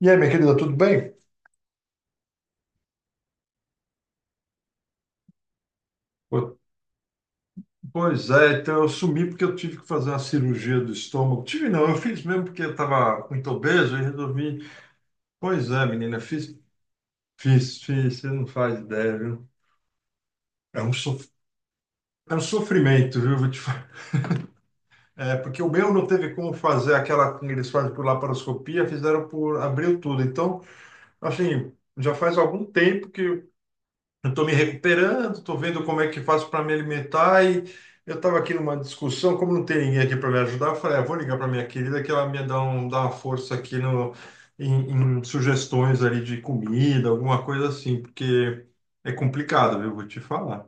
E aí, minha querida, tudo bem? Po- Pois é, então eu sumi porque eu tive que fazer uma cirurgia do estômago. Tive não, eu fiz mesmo porque eu estava muito obeso e resolvi. Pois é, menina, fiz, você não faz ideia, viu? É um, sof... é um sofrimento, viu? Vou te falar. É, porque o meu não teve como fazer aquela que eles fazem por laparoscopia, fizeram por, abriu tudo. Então, assim, já faz algum tempo que eu estou me recuperando, estou vendo como é que faço para me alimentar e eu estava aqui numa discussão, como não tem ninguém aqui para me ajudar, eu falei, ah, vou ligar para minha querida que ela me dá uma força aqui no, em, em sugestões ali de comida, alguma coisa assim, porque é complicado, viu? Vou te falar.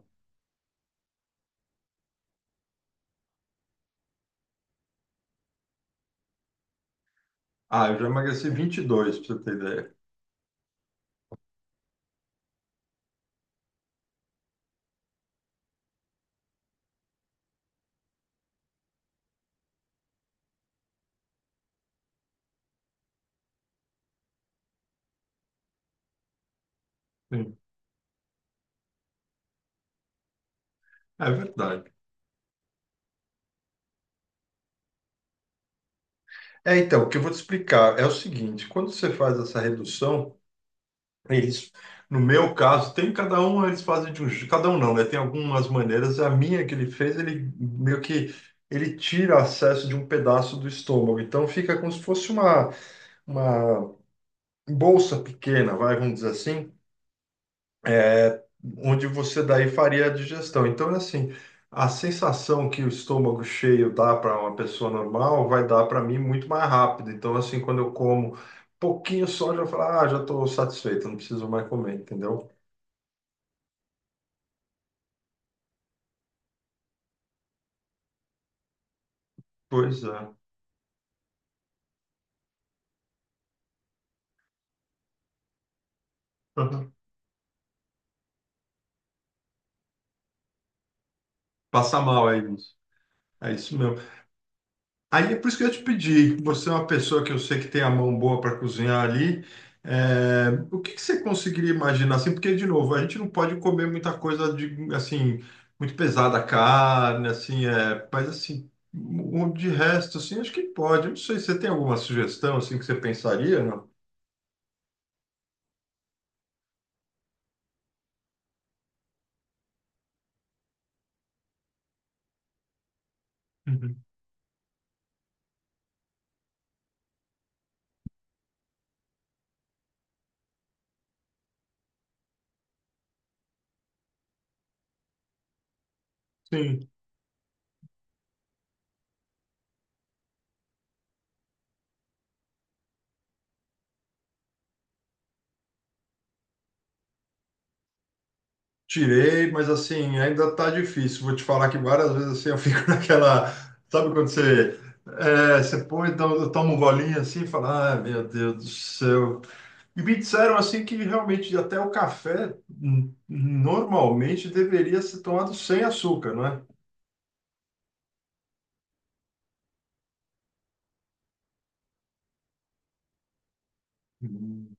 Ah, eu já emagreci 22 para você ter ideia. Sim. É verdade. É, então, o que eu vou te explicar é o seguinte, quando você faz essa redução, eles, no meu caso, tem cada um, eles fazem cada um não, né? Tem algumas maneiras. A minha que ele fez, ele meio que ele tira acesso de um pedaço do estômago. Então fica como se fosse uma bolsa pequena, vai, vamos dizer assim, onde você daí faria a digestão. Então é assim, a sensação que o estômago cheio dá para uma pessoa normal vai dar para mim muito mais rápido. Então assim, quando eu como pouquinho só, já falo, ah, já estou satisfeito, não preciso mais comer, entendeu? Pois é. Uhum. Passa mal aí, moço. É isso mesmo. Aí é por isso que eu te pedi. Você é uma pessoa que eu sei que tem a mão boa para cozinhar ali. É, o que que você conseguiria imaginar assim? Porque, de novo, a gente não pode comer muita coisa de assim, muito pesada, carne, assim, é, mas assim, de resto, assim, acho que pode. Eu não sei, você tem alguma sugestão assim que você pensaria, não? Uhum. Sim. Tirei, mas assim, ainda tá difícil. Vou te falar que várias vezes assim eu fico naquela. Sabe quando você. É, você toma um golinho assim e fala, ah, meu Deus do céu. E me disseram assim que realmente até o café normalmente deveria ser tomado sem açúcar, não é? Hum.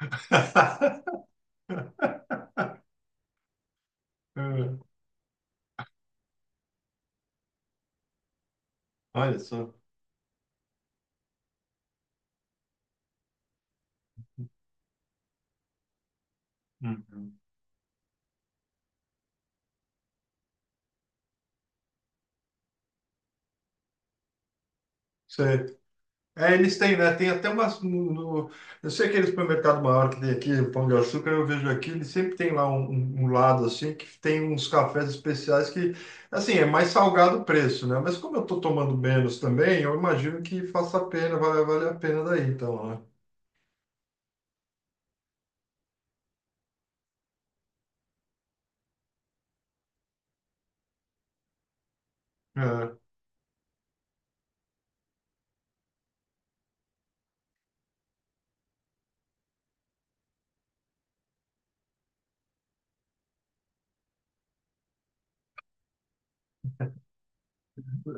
É, olha só. Uhum. É, eles têm, né? Tem até umas. Eu sei que aquele supermercado maior que tem aqui, o Pão de Açúcar, eu vejo aqui, ele sempre tem lá um lado assim, que tem uns cafés especiais que, assim, é mais salgado o preço, né? Mas como eu tô tomando menos também, eu imagino que faça a pena, vai, vale a pena daí, então, né?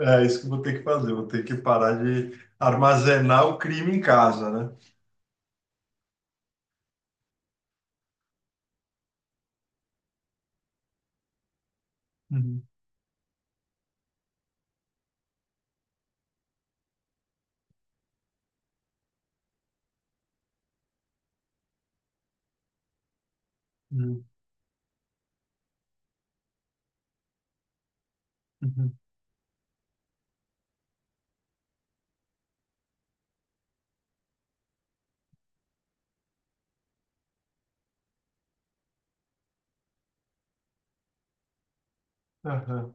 É, é isso que eu vou ter que fazer, vou ter que parar de armazenar o crime em casa, né? Uhum, uhum, uhum. Aham.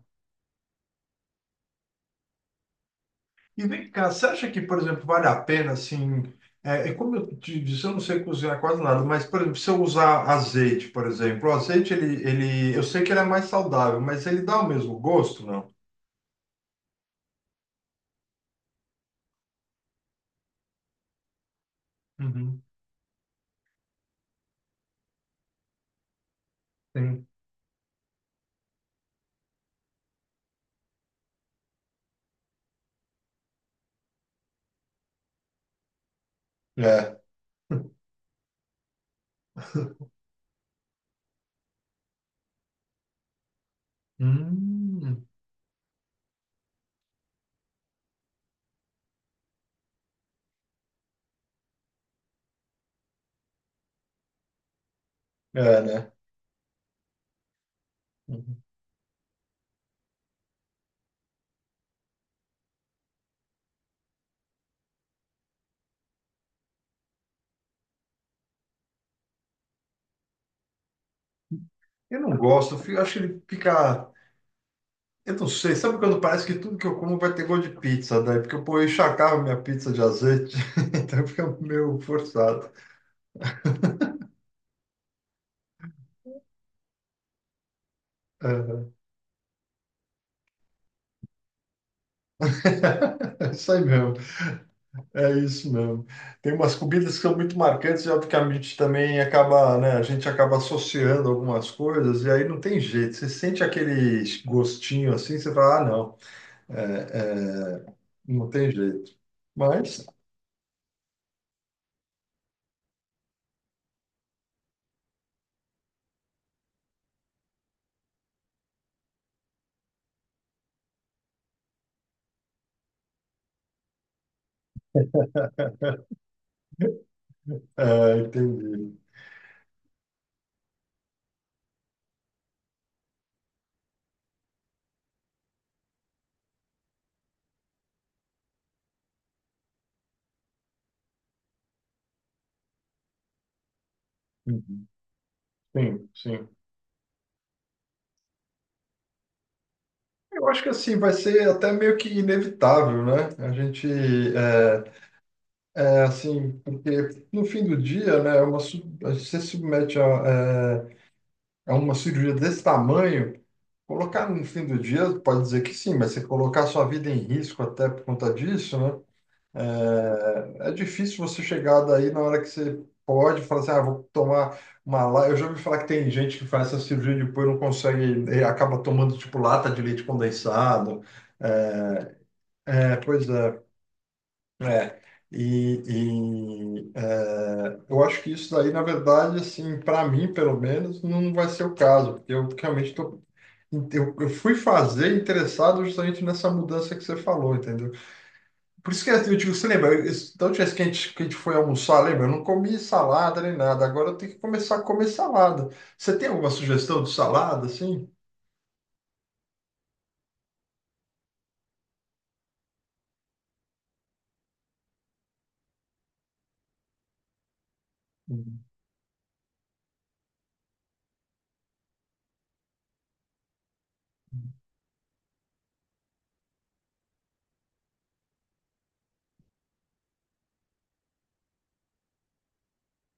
E vem cá, você acha que, por exemplo, vale a pena, assim, é, é como eu te disse, eu não sei cozinhar quase nada, mas, por exemplo, se eu usar azeite, por exemplo, o azeite, eu sei que ele é mais saudável, mas ele dá o mesmo gosto, não? Uhum, sim. É, Hum, é, né? Uhum. Eu não gosto, eu fico- acho que ele fica, eu não sei, sabe quando parece que tudo que eu como vai ter gosto de pizza, daí, porque eu, pô, eu encharcava minha pizza de azeite, então fica meio forçado. Aham. É isso aí mesmo. É isso mesmo. Tem umas comidas que são muito marcantes e obviamente também acaba, né, a gente acaba associando algumas coisas e aí não tem jeito. Você sente aquele gostinho assim, você fala, ah, não, é, não tem jeito. Mas, é, entendi. Uhum. Sim, sim. Eu acho que assim vai ser até meio que inevitável, né? A gente é, assim, porque no fim do dia, né, é uma, você se submete a uma cirurgia desse tamanho. Colocar no fim do dia, pode dizer que sim, mas você colocar sua vida em risco até por conta disso, né? É, é difícil você chegar daí na hora que você pode falar assim, ah, vou tomar uma lá. Eu já ouvi falar que tem gente que faz essa cirurgia e depois não consegue, e acaba tomando tipo lata de leite condensado. É, é, pois é, é. E, eu acho que isso daí, na verdade, assim, para mim, pelo menos, não vai ser o caso, porque eu realmente estou eu fui fazer interessado justamente nessa mudança que você falou, entendeu? Por isso que é, eu digo, você lembra, da última vez que a gente foi almoçar, lembra? Eu não comi salada nem nada, agora eu tenho que começar a comer salada. Você tem alguma sugestão de salada, assim? Hum.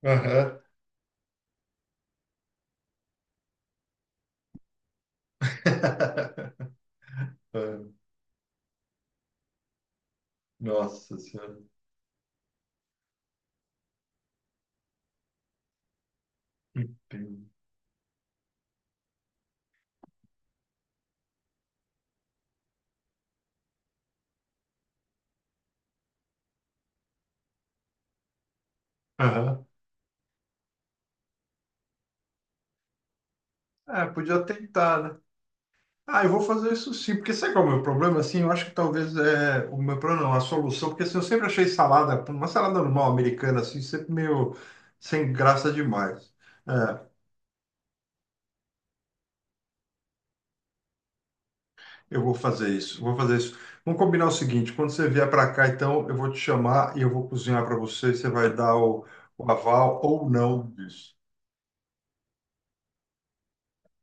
Aham. É, Nossa Senhora. Entendo. Aham. É, podia tentar, né? Ah, eu vou fazer isso sim, porque sabe qual é o meu problema? Assim, eu acho que talvez é o meu problema, não, a solução, porque assim, eu sempre achei salada, uma salada normal americana, assim, sempre meio sem graça demais. É, eu vou fazer isso, vou fazer isso. Vamos combinar o seguinte: quando você vier para cá, então eu vou te chamar e eu vou cozinhar para você, você vai dar o aval ou não disso.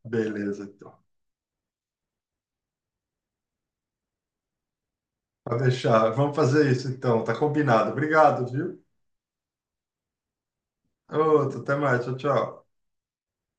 Beleza, então. Pode deixar, vamos fazer isso então, tá combinado. Obrigado, viu? Outro, até mais, tchau, tchau.